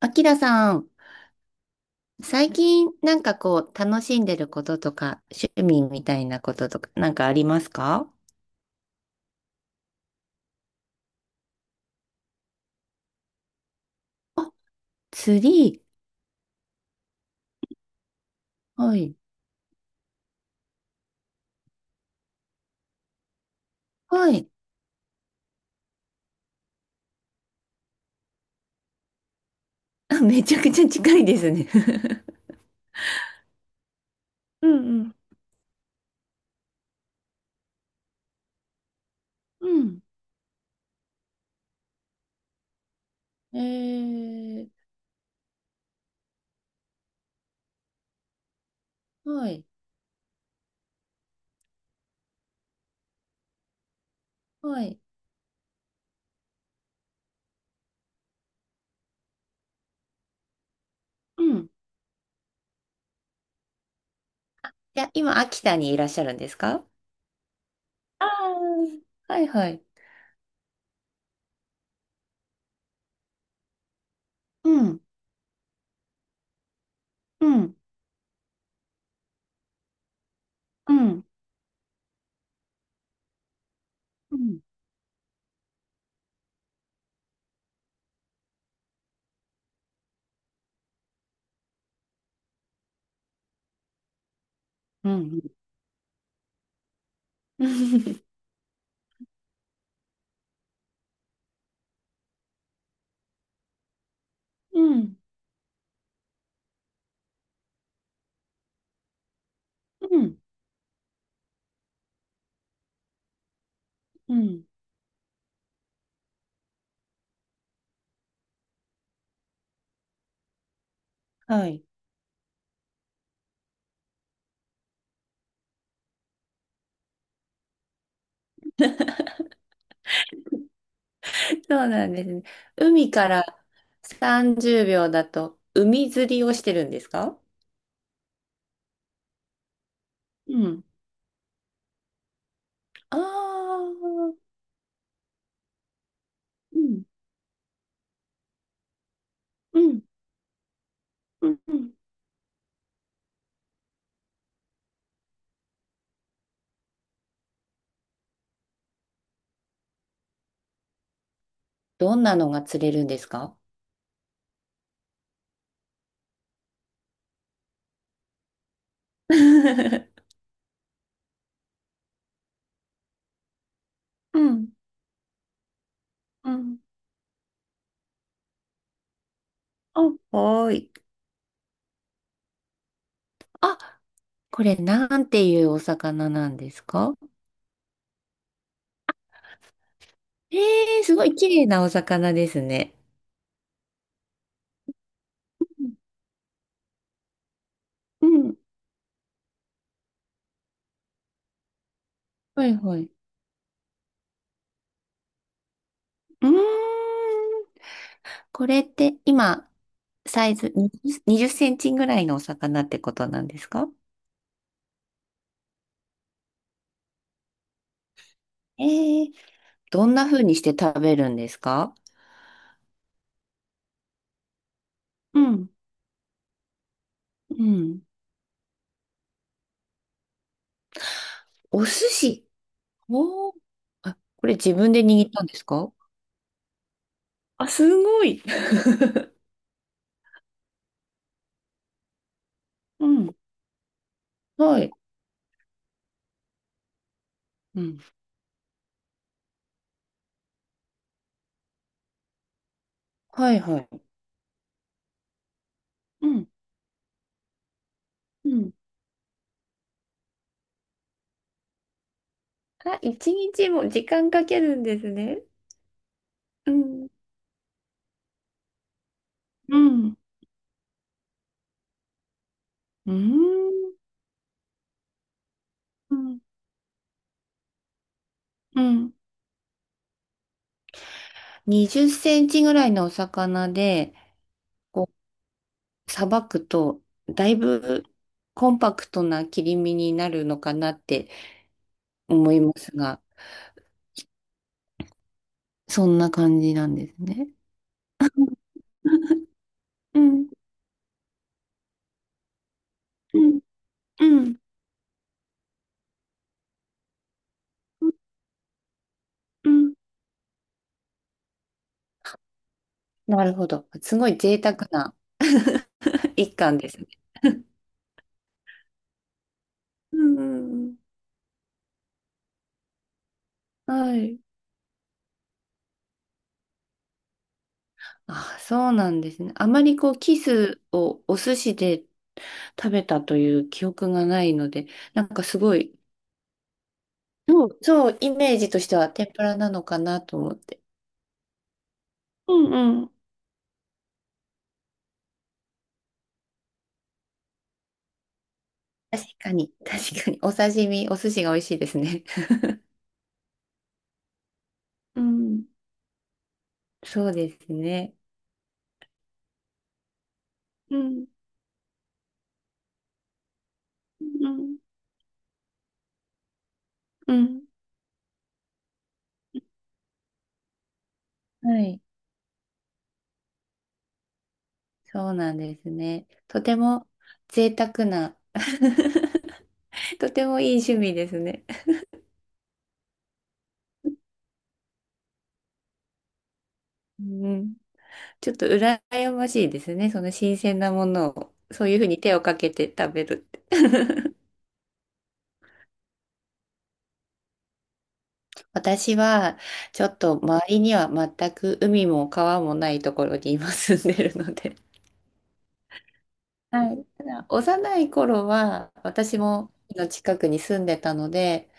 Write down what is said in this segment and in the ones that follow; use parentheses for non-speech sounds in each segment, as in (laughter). あきらさん、最近なんかこう楽しんでることとか趣味みたいなこととかなんかありますか？あ、釣り。はい。はい。あ、めちゃくちゃ近いですね。 (laughs) うんうん。うん。えー、はい。はい。うん。いや、今、秋田にいらっしゃるんですか？あー、はいはい。うん。うん。うん。うん。うん。うん。(laughs) うん。うん。うん、はい。そうなんですね。海から30秒だと海釣りをしてるんですか？うん。ああ、うん。うん。うん。うん。どんなのが釣れるんですか？ (laughs) うん。うん。あ、はーい。あ、これなんていうお魚なんですか？えー、すごい綺麗なお魚ですね。うん。うん、はいはい。うーん。これって今、サイズ20、20センチぐらいのお魚ってことなんですか？ええ、どんな風にして食べるんですか？うん、うん。お寿司。おー、あ、これ自分で握ったんですか？あ、すごい。(laughs) うん、はい。うん、はいはい。うん、うん。あ、一日も時間かけるんですね。うん、うん、うん、うん、うん。20センチぐらいのお魚で、こう、さばくと、だいぶコンパクトな切り身になるのかなって思いますが、そんな感じなんですね。うん、うん、うん、うん。なるほど。すごい贅沢な。 (laughs) 一貫ですね。うんうんうん。はい。あ、そうなんですね。あまりこう、キスをお寿司で食べたという記憶がないので、なんかすごい、そうそう、イメージとしては天ぷらなのかなと思って。うんうん。確かに、確かに、お刺身、お寿司が美味しいですね。(laughs) うん、そうですね。うんうん。うん。はい。そうなんですね。とても贅沢な、とてもいい趣味ですね。うん。ちょっと羨ましいですね。その新鮮なものを、そういうふうに手をかけて食べるって。私は、ちょっと周りには全く海も川もないところに今住んでるので。はい。ただ、幼い頃は、私も海の近くに住んでたので、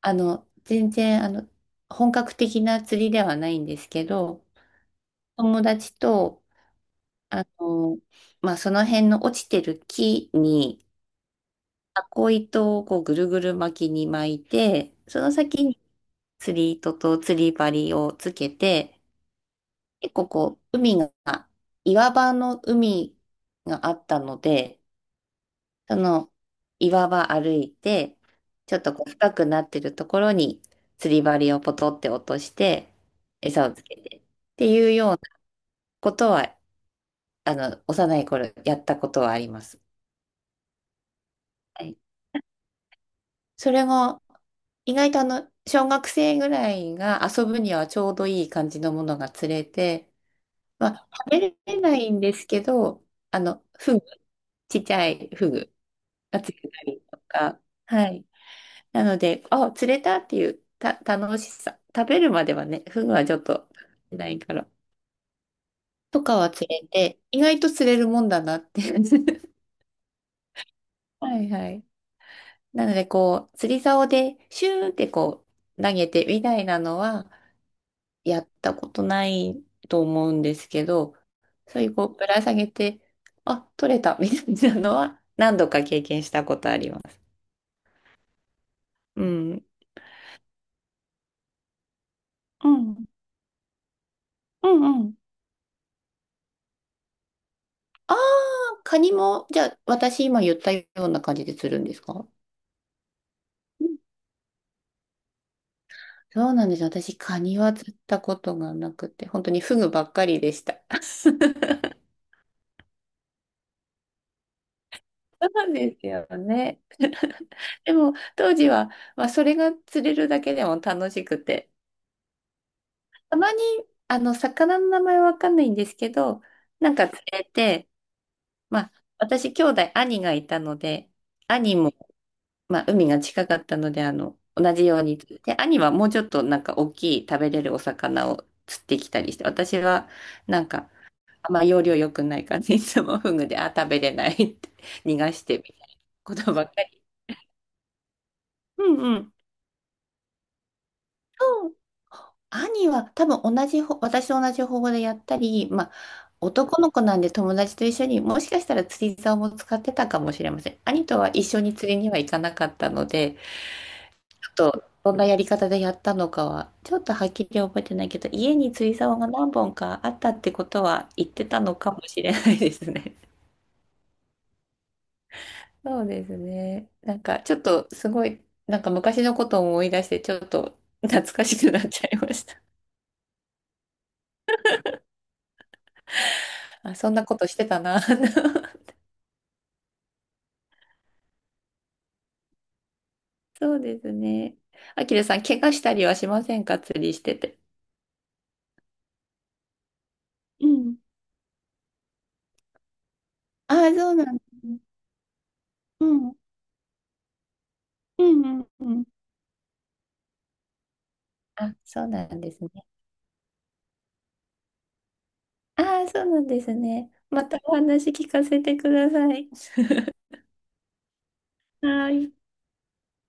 あの、全然、あの、本格的な釣りではないんですけど、友達と、あの、まあ、その辺の落ちてる木に、タコ糸をこうぐるぐる巻きに巻いて、その先に釣り糸と釣り針をつけて、結構こう、海が、岩場の海があったので、その岩場歩いて、ちょっとこう深くなってるところに釣り針をポトって落として、餌をつけてっていうようなことは、あの、幼い頃やったことはあります。はい、それが意外とあの小学生ぐらいが遊ぶにはちょうどいい感じのものが釣れて、まあ、食べれないんですけど、あの、フグ、ちっちゃいフグが釣れたりとか、はい。なので、あ、釣れたっていうた楽しさ、食べるまではね、フグはちょっとないから、とかは釣れて、意外と釣れるもんだなって。(laughs) はいはい。なので、こう、釣り竿でシューってこう、投げてみたいなのは、やったことないと思うんですけど、そういうこうぶら下げて、あ、取れたみたいなのは何度か経験したことあります。うん。うん。うんうん。ああ、カニも、じゃあ私今言ったような感じで釣るんですか？うん、そうなんです。私カニは釣ったことがなくて、本当にフグばっかりでした。(laughs) そうなんですよね。(laughs) でも当時は、まあ、それが釣れるだけでも楽しくて、たまに、あの、魚の名前わかんないんですけど、なんか連れて、まあ、私、兄がいたので、兄も、まあ、海が近かったので、あの、同じように釣って、兄はもうちょっとなんか大きい食べれるお魚を釣ってきたりして、私はなんか、あんま要領良くない感じ、いつもフグで、あ、食べれないって逃がしてみたいなことばっかり。うんうん。兄は多分同じほ、私と同じ方法でやったり、まあ、男の子なんで友達と一緒にもしかしたら釣り竿も使ってたかもしれません。兄とは一緒に釣りには行かなかったので、ちょっとどんなやり方でやったのかは、ちょっとはっきり覚えてないけど、家に釣り竿が何本かあったってことは言ってたのかもしれないですね。(laughs) そうですね。なんかちょっとすごい、なんか昔のことを思い出して、ちょっと懐かしくなっちゃいました。あ、そんなことしてたな。(laughs) そうですね。あきらさん、怪我したりはしませんか？釣りしてて。うん。ああ、そうなんですね。うん。うんうんうん。あ、そうなんですね。ああ、そうなんですね。またお話聞かせてください。(laughs) はい。